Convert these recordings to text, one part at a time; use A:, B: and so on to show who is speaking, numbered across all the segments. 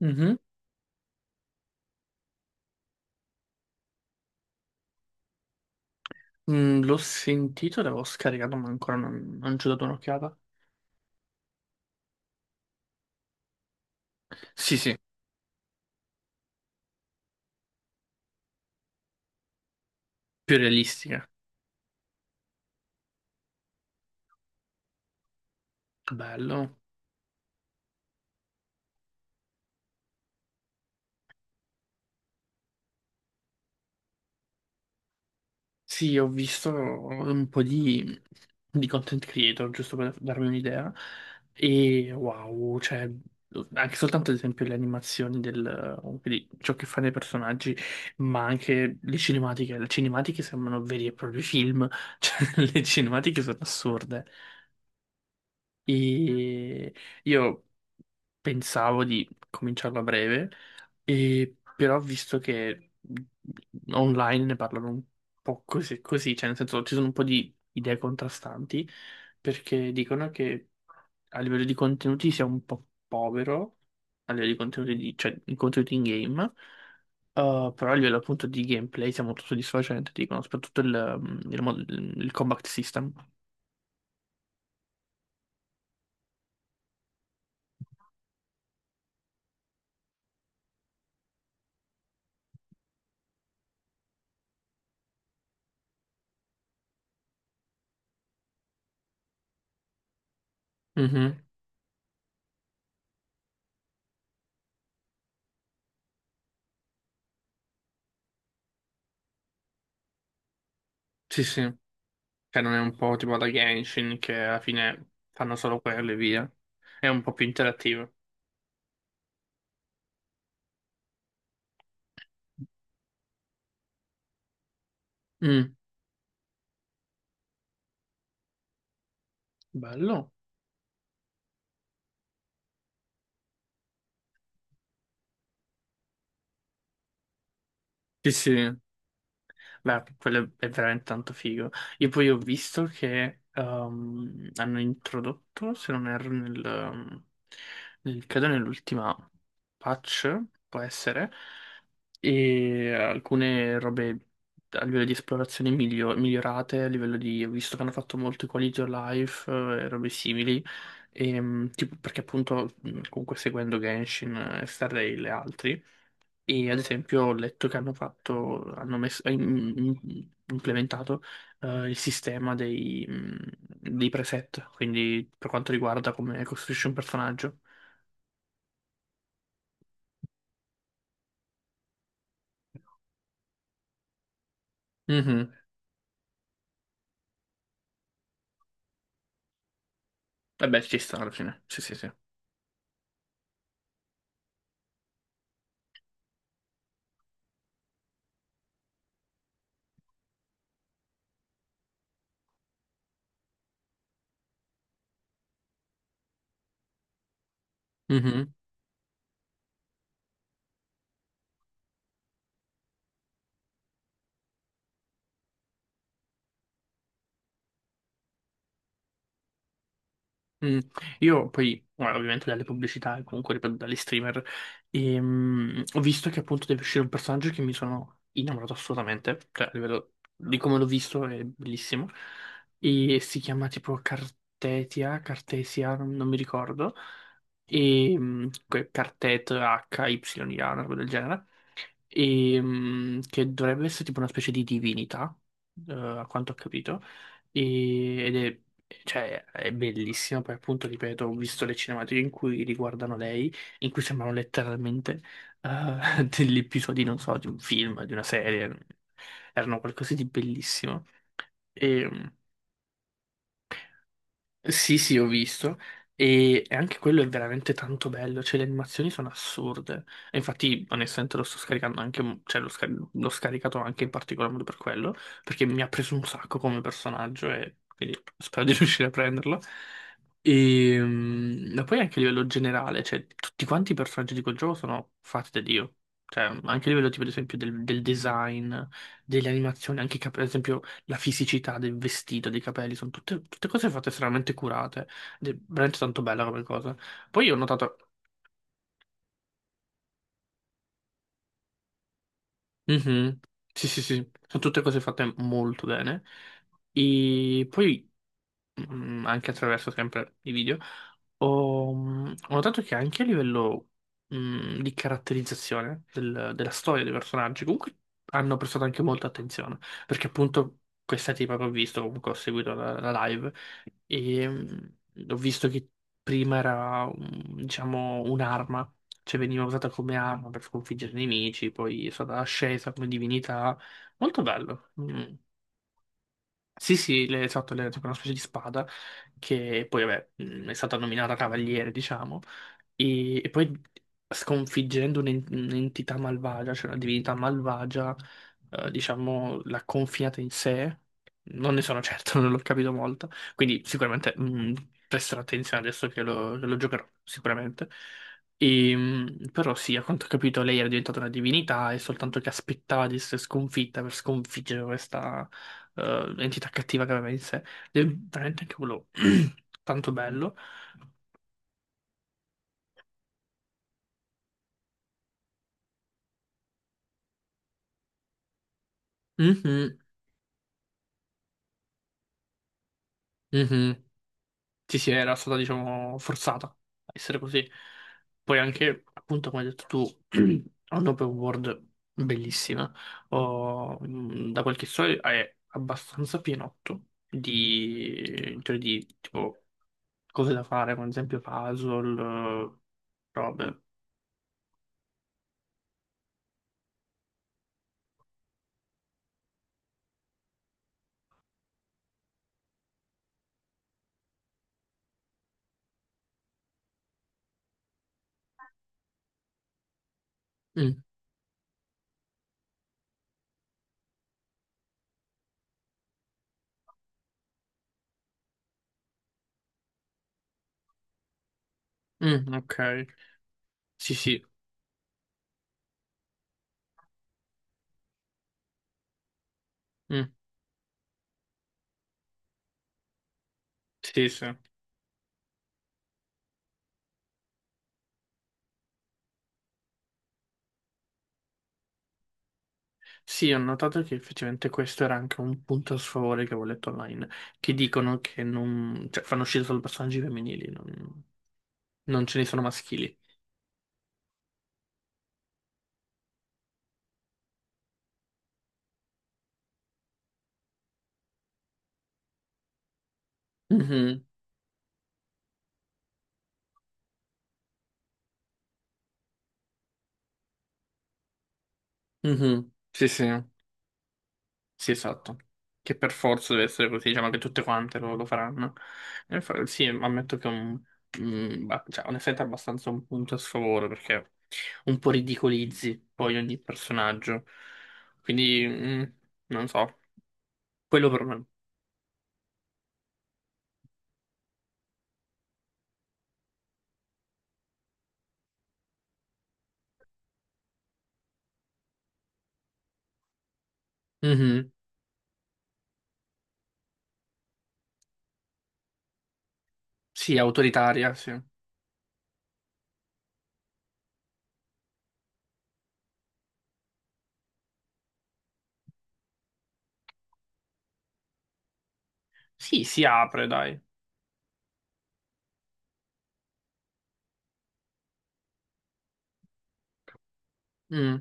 A: Mhm. Mm, l'ho sentito, l'avevo scaricato, ma ancora non ci ho dato un'occhiata. Sì, sì, più realistica. Bello. Sì, ho visto un po' di content creator, giusto per darmi un'idea. E wow, cioè, anche soltanto ad esempio le animazioni del, comunque di ciò che fanno i personaggi, ma anche le cinematiche. Le cinematiche sembrano veri e propri film, cioè le cinematiche sono assurde. E io pensavo di cominciarlo a breve, e però ho visto che online ne parlano un po' così, così, cioè nel senso ci sono un po' di idee contrastanti, perché dicono che a livello di contenuti sia un po' povero, a livello di contenuti, cioè di contenuti in game. Però a livello appunto di gameplay sia molto soddisfacente, dicono, soprattutto il, il il combat system. Mhm. Sì, sì. Cioè, non è un po' tipo la Genshin che alla fine fanno solo quello e via. È un po' più interattivo. Mm, bello. Sì, sì. Beh, quello è veramente tanto figo. Io poi ho visto che hanno introdotto, se non erro, nel, nel- credo nell'ultima patch, può essere, e alcune robe a livello di esplorazione migliorate, a livello di, ho visto che hanno fatto molto i quality of life e robe simili, perché appunto comunque seguendo Genshin e Stardew e altri. E ad esempio ho letto che hanno fatto, hanno messo, implementato il sistema dei, dei preset, quindi per quanto riguarda come costruisci un personaggio. Mhm. Vabbè, ci sta alla fine. Sì, sì, sì. Mm, io poi, guarda, ovviamente dalle pubblicità e comunque ripeto dagli streamer, ho visto che appunto deve uscire un personaggio che mi sono innamorato assolutamente, cioè a livello di come l'ho visto è bellissimo, e si chiama tipo Cartetia, Cartesia, non mi ricordo, e Cartet H, Y, A, una roba del genere, e, che dovrebbe essere tipo una specie di divinità, a quanto ho capito, ed è, cioè, è bellissima, poi appunto, ripeto, ho visto le cinematiche in cui riguardano lei, in cui sembrano letteralmente degli episodi, non so, di un film, di una serie, erano qualcosa di bellissimo. Ehm, sì, sì, ho visto. E anche quello è veramente tanto bello. Cioè, le animazioni sono assurde. E infatti, onestamente, lo sto scaricando anche. Cioè, l'ho scaricato anche in particolar modo per quello. Perché mi ha preso un sacco come personaggio. E quindi spero di riuscire a prenderlo. E, ma poi anche a livello generale, cioè, tutti quanti i personaggi di quel gioco sono fatti da Dio. Cioè, anche a livello, tipo, ad esempio, del design, delle animazioni, anche, per esempio la fisicità del vestito, dei capelli, sono tutte cose fatte estremamente curate. Ed è veramente tanto bella come cosa. Poi io ho notato. Mhm. Sì, sì, sì, sono tutte cose fatte molto bene. E poi anche attraverso sempre i video, ho, ho notato che anche a livello di caratterizzazione della storia dei personaggi, comunque hanno prestato anche molta attenzione, perché appunto questa tipa che ho visto, comunque ho seguito la live, e ho visto che prima era, diciamo, un'arma, cioè veniva usata come arma per sconfiggere i nemici, poi è stata ascesa come divinità, molto bello. Mm. Sì, sì, esatto, le, tipo una specie di spada che poi vabbè, è stata nominata cavaliere, diciamo, e poi sconfiggendo un'entità malvagia, cioè una divinità malvagia, diciamo, l'ha confinata in sé. Non ne sono certo, non l'ho capito molto, quindi sicuramente presterò attenzione adesso che lo giocherò, sicuramente. E, però sì, a quanto ho capito lei era diventata una divinità e soltanto che aspettava di essere sconfitta per sconfiggere questa entità cattiva che aveva in sé. Ed è veramente anche quello tanto bello. Mhm, mhm. Sì, sì, era stata, diciamo, forzata a essere così. Poi anche, appunto, come hai detto tu, ha un'open world bellissima. Mh, da quel che so è abbastanza pienotto di, cioè di tipo cose da fare, come ad esempio puzzle, robe. Mm, mm, ok. Sì, sì. Mm, sì, sì. Sì, ho notato che effettivamente questo era anche un punto a sfavore che avevo letto online, che dicono che non, cioè, fanno uscire solo personaggi femminili, non, non ce ne sono maschili. Mhm, mhm. Sì, sì, sì, esatto. Che per forza deve essere così, diciamo che tutte quante lo faranno. Sì, ammetto che è un, cioè, onestamente è abbastanza un punto a sfavore, perché un po' ridicolizzi poi ogni personaggio. Quindi, non so, quello per me. Mhm. Sì, autoritaria, sì. Sì, si apre, dai. Mm.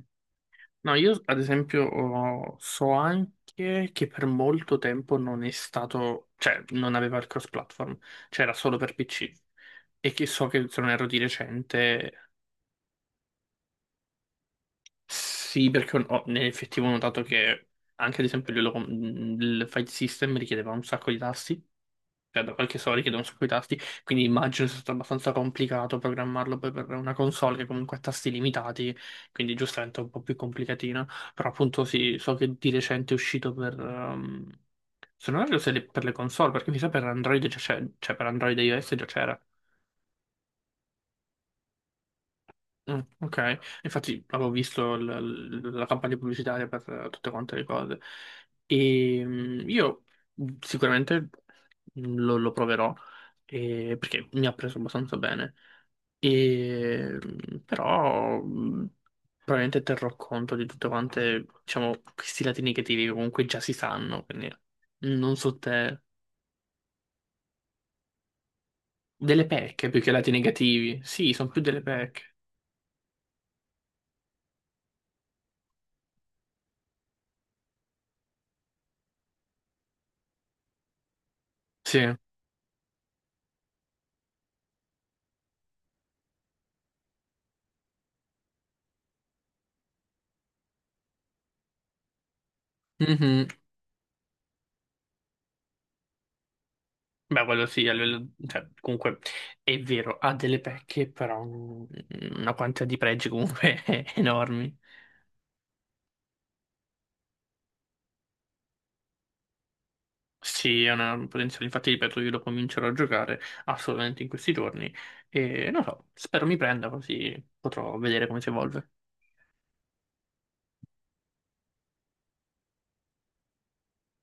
A: No, io ad esempio so anche che per molto tempo non è stato, cioè non aveva il cross-platform, cioè era solo per PC. E che so che se non erro di recente, sì, perché ho, nell'effettivo ho notato che anche ad esempio il file system richiedeva un sacco di tasti. Cioè, da qualche soldi chiedono su quei tasti, quindi immagino sia stato abbastanza complicato programmarlo poi per una console che comunque ha tasti limitati, quindi giustamente è un po' più complicatina, però appunto sì, so che di recente è uscito per... se non erro se le- per le console, perché mi sa per Android già c'è, cioè per Android e iOS già c'era. Mm, ok, infatti avevo visto la campagna pubblicitaria per tutte quante le cose. E io sicuramente lo proverò perché mi ha preso abbastanza bene. E, però probabilmente terrò conto di tutte quante, diciamo, questi lati negativi che comunque già si sanno, quindi non so te. Delle pecche più che lati negativi. Sì, sono più delle pecche. Sì. Mhm. Beh, quello sì, a livello- cioè, comunque è vero, ha delle pecche, però una quantità di pregi comunque enormi. Sì, è una potenziale, infatti ripeto, io lo comincerò a giocare assolutamente in questi giorni e non so, spero mi prenda così potrò vedere come si evolve.